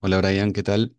Hola Brian, ¿qué tal?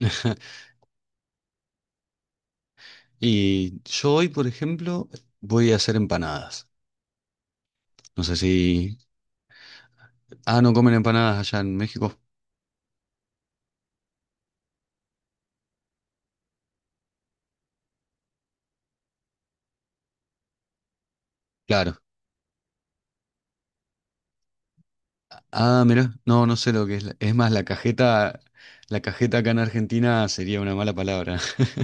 Y yo hoy, por ejemplo, voy a hacer empanadas. No sé si... Ah, ¿no comen empanadas allá en México? Claro. Ah, mira, no, no sé lo que es. Es más, la cajeta acá en Argentina sería una mala palabra.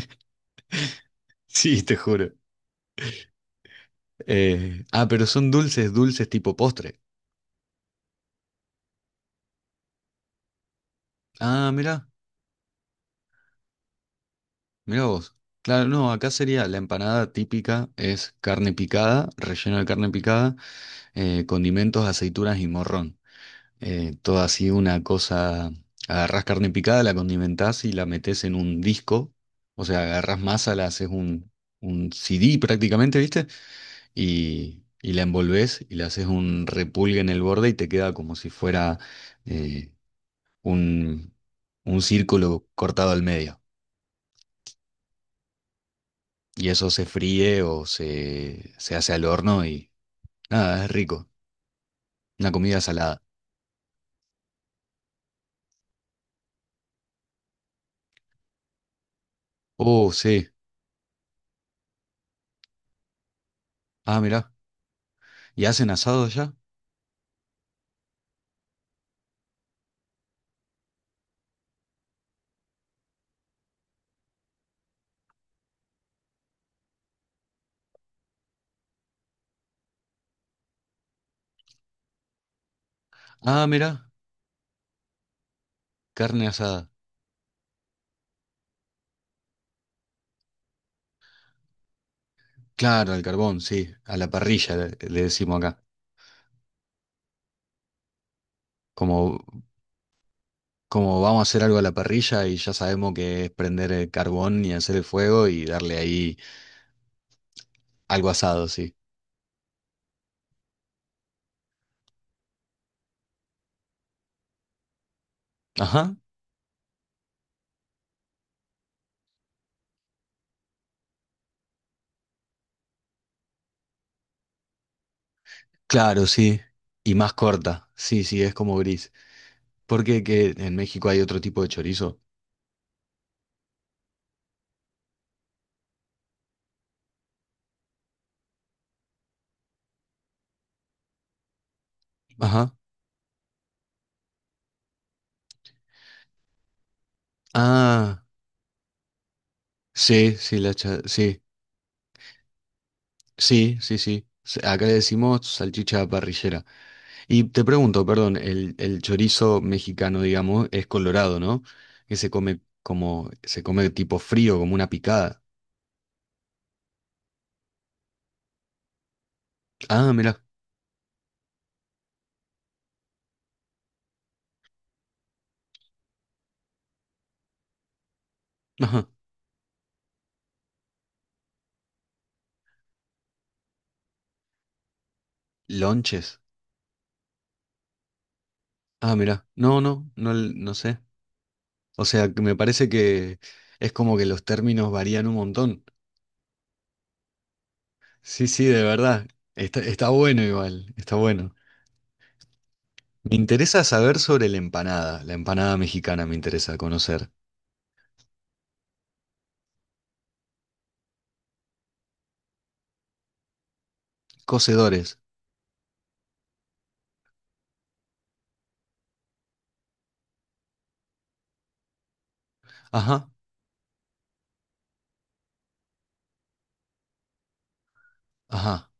Sí, te juro. Pero son dulces, dulces tipo postre. Ah, mira, mira vos. Claro, no, acá sería la empanada típica, es carne picada, relleno de carne picada, condimentos, aceitunas y morrón. Toda así una cosa, agarrás carne picada, la condimentás y la metés en un disco, o sea, agarrás masa, un CD prácticamente, ¿viste? Y la envolvés y le haces un repulgue en el borde y te queda como si fuera eh, un, un círculo cortado al medio. Y eso se fríe o se hace al horno y nada, es rico. Una comida salada. Oh, sí. Ah, mirá. ¿Y hacen asado allá? Ah, mirá. Carne asada. Claro, al carbón, sí, a la parrilla le decimos acá. Como, como vamos a hacer algo a la parrilla y ya sabemos que es prender el carbón y hacer el fuego y darle ahí algo asado, sí. Ajá, claro, sí. Y más corta, sí, sí, es como gris. Porque que en México hay otro tipo de chorizo. Ajá. Ah, sí, sí, sí, sí, sí, sí. Acá le decimos salchicha parrillera. Y te pregunto, perdón, el chorizo mexicano, digamos, es colorado, ¿no? Que se come como, se come tipo frío, como una picada. Ah, mira, ajá, lonches. Ah, mira, no, no, no, no sé. O sea, que me parece que es como que los términos varían un montón. Sí, sí, de verdad. Está, está bueno igual, está bueno. Me interesa saber sobre la empanada mexicana me interesa conocer. Cocedores. Ajá, ajá.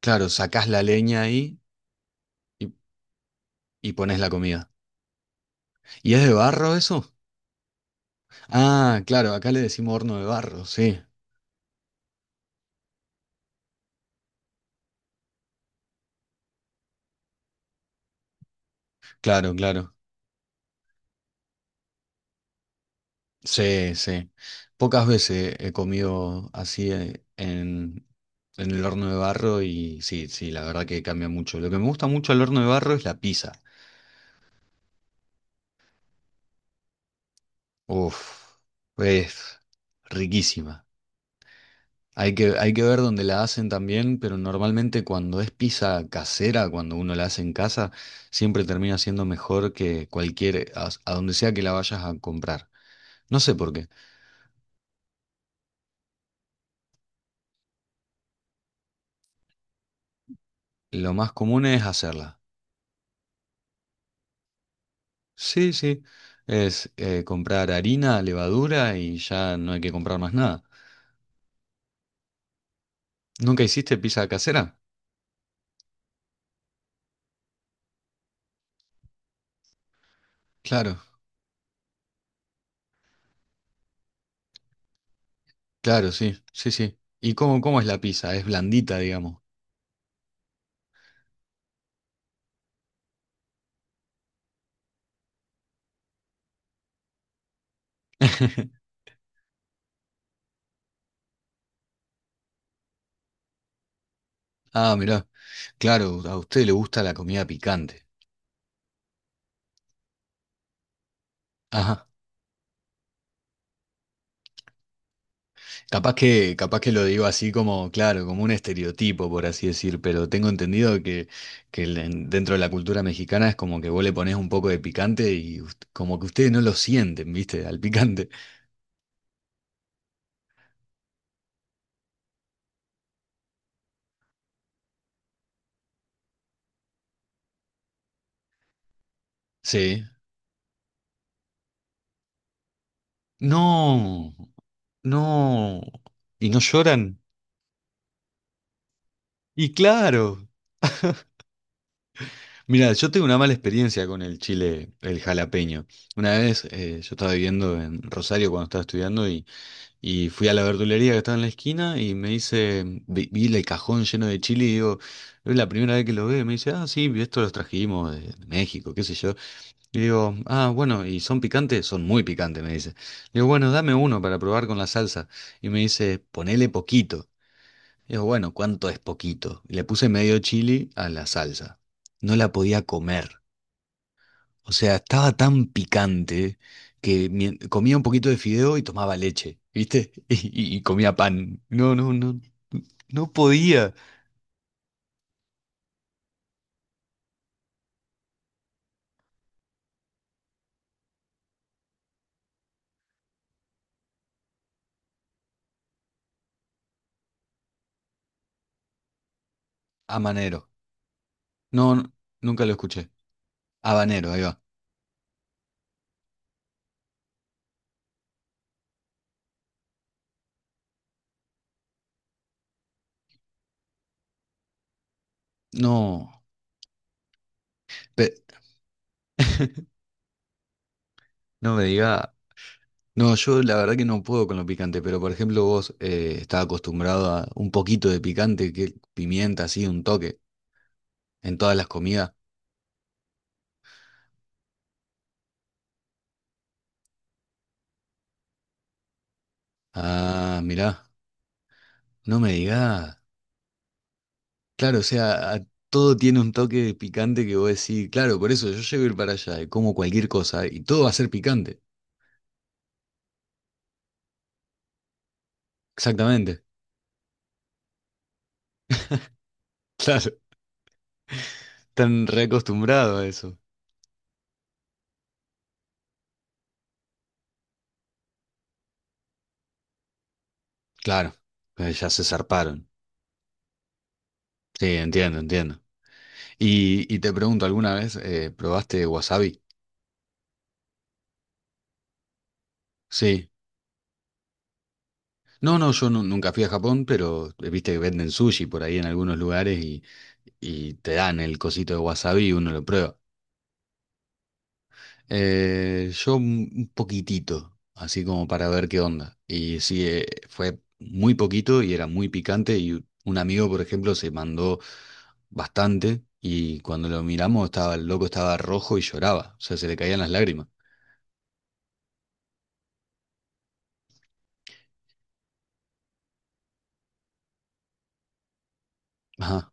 Claro, sacás la leña ahí. y Y pones la comida. ¿Y es de barro eso? Ah, claro, acá le decimos horno de barro, sí. Claro, claro. Sí, sí. Pocas veces he comido así en el horno de barro y sí, sí, la verdad que cambia mucho. Lo que me gusta mucho al horno de barro es la pizza. Uf, es riquísima. Hay que ver dónde la hacen también, pero normalmente cuando es pizza casera, cuando uno la hace en casa, siempre termina siendo mejor que cualquier, a donde sea que la vayas a comprar. No sé por qué. Lo más común es hacerla. Sí, sí. Es comprar harina, levadura y ya no hay que comprar más nada. ¿Nunca hiciste pizza casera? Claro, claro, sí, sí, sí. ¿Y cómo, cómo es la pizza? Es blandita, digamos. Ah, mirá. Claro, a usted le gusta la comida picante. Ajá. Capaz que lo digo así como, claro, como un estereotipo, por así decir, pero tengo entendido que dentro de la cultura mexicana es como que vos le ponés un poco de picante y como que ustedes no lo sienten, ¿viste? Al picante. Sí. No, no. ¿Y no lloran? Y claro. Mira, yo tengo una mala experiencia con el chile, el jalapeño. Una vez yo estaba viviendo en Rosario cuando estaba estudiando. Y fui a la verdulería que estaba en la esquina y me dice, vi, vi el cajón lleno de chile y digo, es la primera vez que lo ve. Me dice, ah, sí, esto los trajimos de México, qué sé yo. Y digo, ah, bueno, ¿y son picantes? Son muy picantes, me dice. Le digo, bueno, dame uno para probar con la salsa. Y me dice, ponele poquito. Y digo, bueno, ¿cuánto es poquito? Y le puse medio chili a la salsa. No la podía comer. O sea, estaba tan picante que comía un poquito de fideo y tomaba leche, ¿viste? Y comía pan. No, no, no, no podía. Habanero. No, no, nunca lo escuché. Habanero, ahí va. No, pe- no me diga. No, yo la verdad que no puedo con lo picante, pero por ejemplo vos estás acostumbrado a un poquito de picante, que pimienta así, un toque, en todas las comidas. Ah, mirá, no me digas. Claro, o sea, todo tiene un toque picante que vos decís, claro, por eso yo llego a ir para allá y como cualquier cosa y todo va a ser picante. Exactamente. Claro, están reacostumbrados a eso. Claro, pues ya se zarparon. Sí, entiendo, entiendo. Y te pregunto, ¿alguna vez probaste wasabi? Sí. No, no, yo nunca fui a Japón, pero viste que venden sushi por ahí en algunos lugares y te dan el cosito de wasabi y uno lo prueba. Yo un poquitito, así como para ver qué onda. Y sí, fue muy poquito y era muy picante y un amigo, por ejemplo, se mandó bastante y cuando lo miramos estaba, el loco estaba rojo y lloraba, o sea, se le caían las lágrimas. Ajá.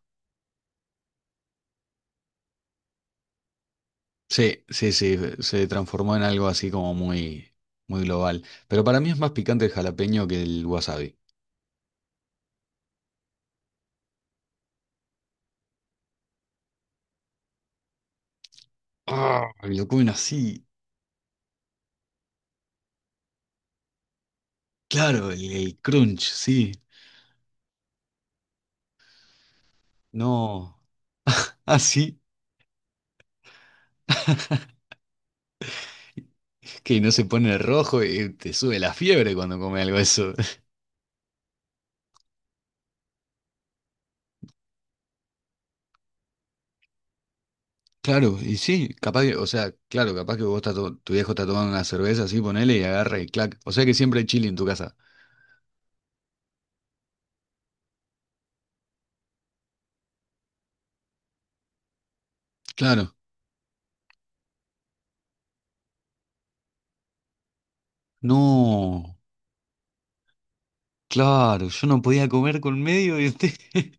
Sí, sí, sí, se transformó en algo así como muy, muy global. Pero para mí es más picante el jalapeño que el wasabi. Ah, y lo comen así. Claro, el crunch, sí. No. Ah, sí. Que no se pone rojo y te sube la fiebre cuando come algo eso. Claro, y sí, capaz que, o sea, claro, capaz que vos estás tu viejo está tomando una cerveza así, ponele y agarra y clac. O sea que siempre hay chili en tu casa. Claro. No, claro, yo no podía comer con medio y usted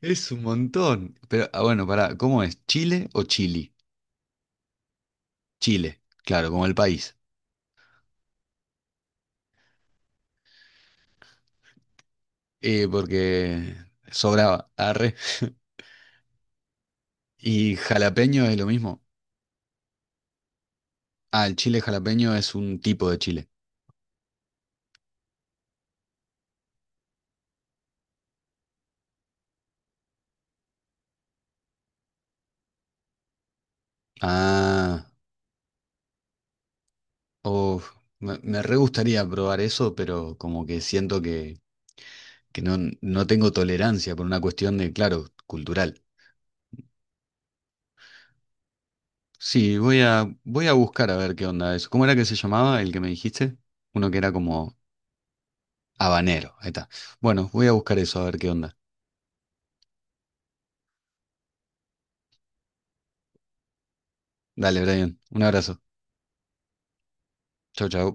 es un montón. Pero, ah, bueno, pará, ¿cómo es? ¿Chile o chili? Chile, claro, como el país. Porque sobraba, arre. ¿Y jalapeño es lo mismo? Ah, el chile jalapeño es un tipo de chile. Ah. Uf, me re gustaría probar eso, pero como que siento que no, no tengo tolerancia por una cuestión de, claro, cultural. Sí, voy a, voy a buscar a ver qué onda eso. ¿Cómo era que se llamaba el que me dijiste? Uno que era como habanero. Ahí está. Bueno, voy a buscar eso a ver qué onda. Dale, Brian. Un abrazo. Chau, chau.